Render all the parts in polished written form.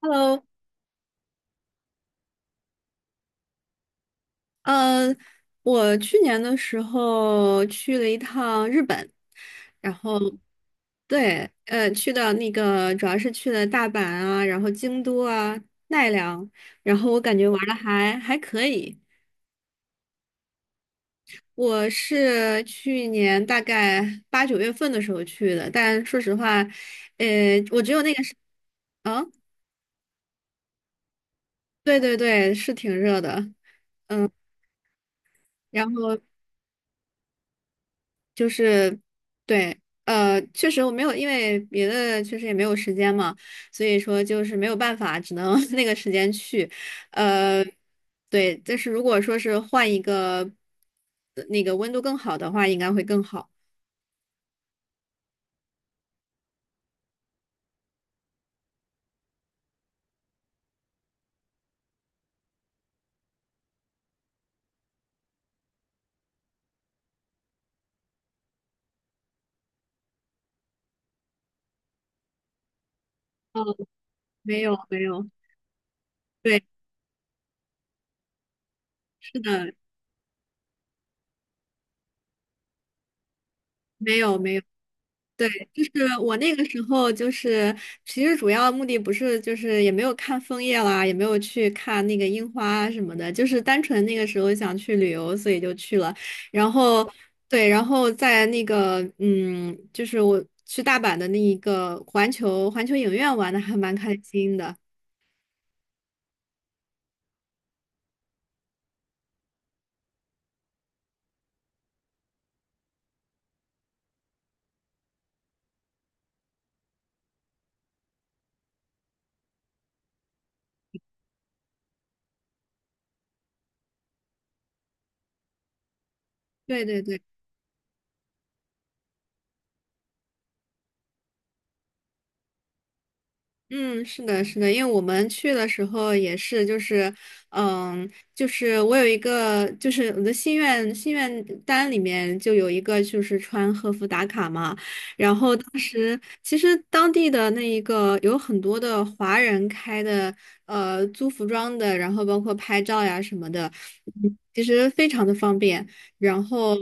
Hello，呃，我去年的时候去了一趟日本，然后对，去到那个主要是去了大阪啊，然后京都啊、奈良，然后我感觉玩的还可以。我是去年大概8、9月份的时候去的，但说实话，我只有那个是，啊，对对对，是挺热的，嗯，然后。就是对，确实我没有，因为别的确实也没有时间嘛，所以说就是没有办法，只能 那个时间去，呃，对，但是如果说是换一个那个温度更好的话，应该会更好。哦，没有没有，对，是的，没有没有。对，就是我那个时候，就是其实主要目的不是，就是也没有看枫叶啦，也没有去看那个樱花什么的，就是单纯那个时候想去旅游，所以就去了。然后，对，然后在那个，嗯，就是我去大阪的那一个环球影院玩的还蛮开心的。对对对。嗯，是的，是的，因为我们去的时候也是，就是，嗯，就是我有一个，就是我的心愿单里面就有一个，就是穿和服打卡嘛。然后当时其实当地的那一个有很多的华人开的，租服装的，然后包括拍照呀什么的，嗯其实非常的方便。然后，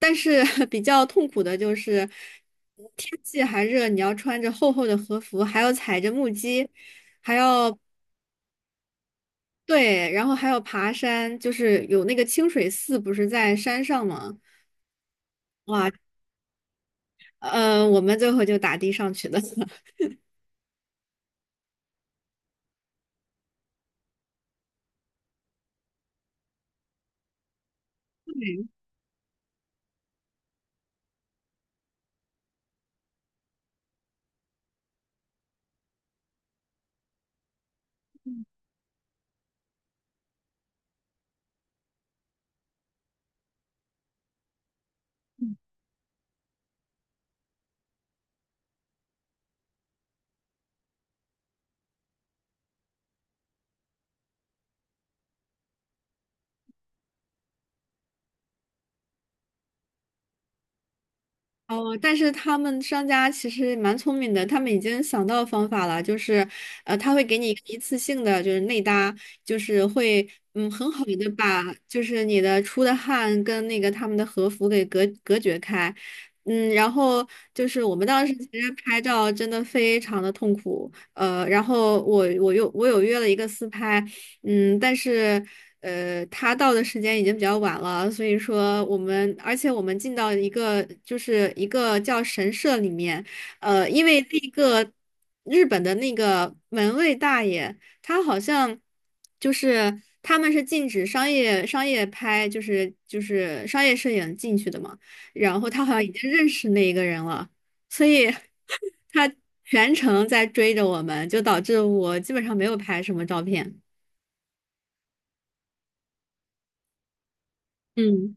但是 比较痛苦的就是天气还热，你要穿着厚厚的和服，还要踩着木屐，还要对，然后还要爬山，就是有那个清水寺不是在山上吗？哇，我们最后就打的上去的。哦，但是他们商家其实蛮聪明的，他们已经想到方法了，就是，他会给你一个一次性的，就是内搭，就是会，嗯，很好的把就是你的出的汗跟那个他们的和服给隔绝开，嗯，然后就是我们当时其实拍照真的非常的痛苦，然后我有约了一个私拍，嗯，但是他到的时间已经比较晚了，所以说我们，而且我们进到一个就是一个叫神社里面，因为那个日本的那个门卫大爷，他好像就是他们是禁止商业拍，就是商业摄影进去的嘛，然后他好像已经认识那一个人了，所以 他全程在追着我们，就导致我基本上没有拍什么照片。嗯，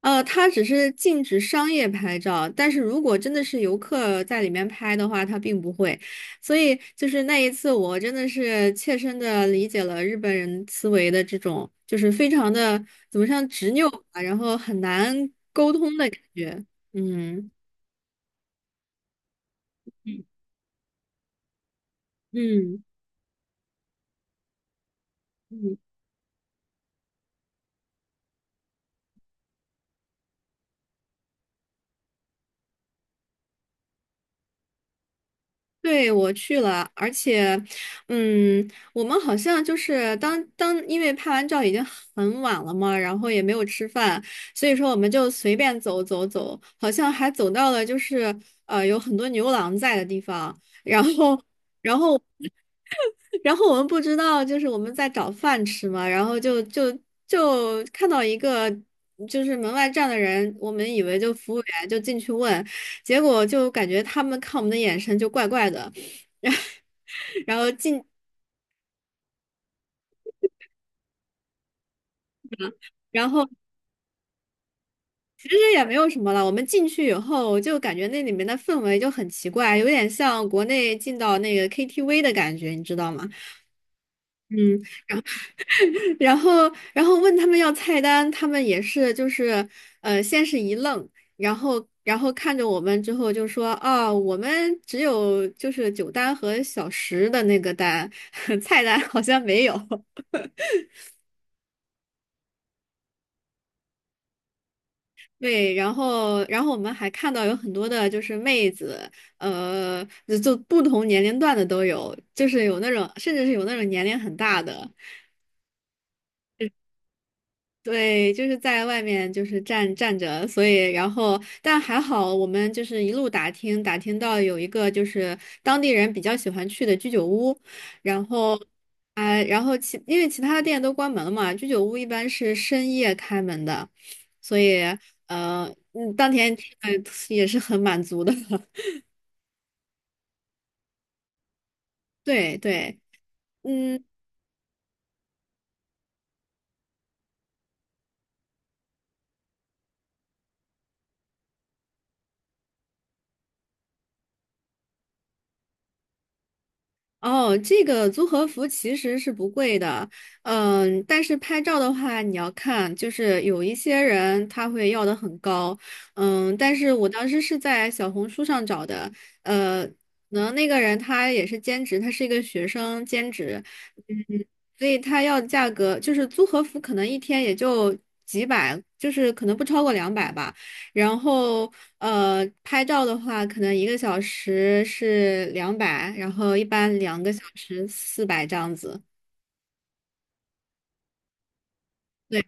它只是禁止商业拍照，但是如果真的是游客在里面拍的话，它并不会。所以就是那一次，我真的是切身的理解了日本人思维的这种，就是非常的怎么像执拗吧，然后很难沟通的感觉。嗯嗯，嗯。嗯对，我去了，而且，嗯，我们好像就是当，因为拍完照已经很晚了嘛，然后也没有吃饭，所以说我们就随便走走走，好像还走到了就是有很多牛郎在的地方，然后。然后。然后我们不知道，就是我们在找饭吃嘛，然后就看到一个就是门外站的人，我们以为就服务员，就进去问，结果就感觉他们看我们的眼神就怪怪的，然后然后进，然后其实也没有什么了。我们进去以后，就感觉那里面的氛围就很奇怪，有点像国内进到那个 KTV 的感觉，你知道吗？嗯。然后，然后问他们要菜单，他们也是就是，先是一愣，然后，然后看着我们之后就说，啊，我们只有就是酒单和小食的那个单，菜单好像没有。对，然后，然后我们还看到有很多的就是妹子，呃，就不同年龄段的都有，就是有那种，甚至是有那种年龄很大的。对，就是在外面就是站着，所以然后但还好，我们就是一路打听打听到有一个就是当地人比较喜欢去的居酒屋，然后啊、然后因为其他的店都关门了嘛，居酒屋一般是深夜开门的，所以当天吃的也是很满足的，对对。嗯。哦，这个租和服其实是不贵的，嗯，但是拍照的话，你要看，就是有一些人他会要的很高，嗯，但是我当时是在小红书上找的，可能那个人他也是兼职，他是一个学生兼职，嗯，所以他要的价格就是租和服可能一天也就几百，就是可能不超过两百吧，然后。拍照的话，可能1个小时是两百，然后一般2个小时四百这样子。对，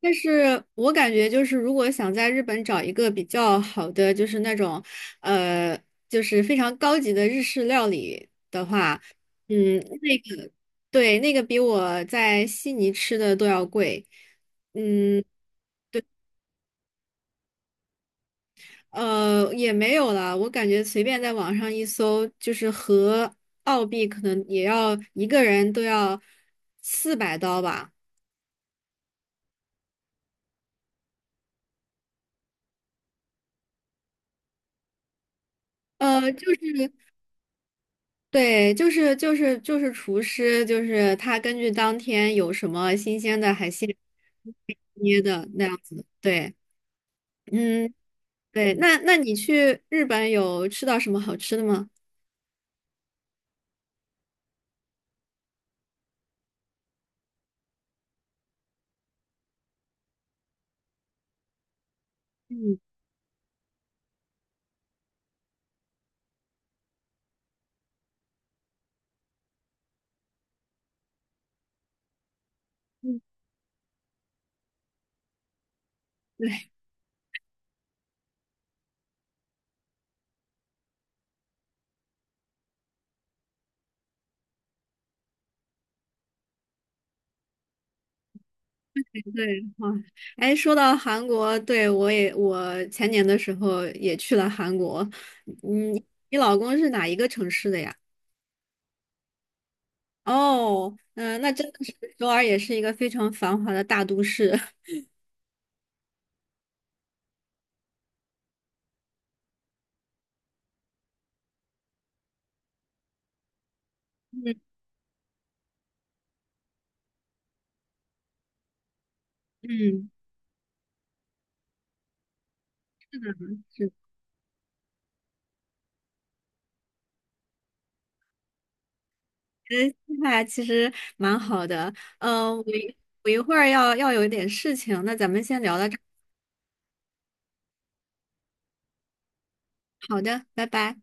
但是我感觉就是，如果想在日本找一个比较好的，就是那种，呃，就是非常高级的日式料理的话，嗯，那个，对，那个比我在悉尼吃的都要贵。嗯，也没有啦，我感觉随便在网上一搜，就是和澳币可能也要一个人都要400刀吧。就是对，就是厨师，就是他根据当天有什么新鲜的海鲜捏的那样子。对，嗯，对，那你去日本有吃到什么好吃的吗？嗯嗯，对对，哇，哎，说到韩国，对，我也，我前年的时候也去了韩国。嗯，你老公是哪一个城市的呀？哦，嗯、那真的是首尔也是一个非常繁华的大都市。嗯嗯，是，那其实蛮好的。嗯、我一会儿要有一点事情，那咱们先聊到这儿。好的，拜拜。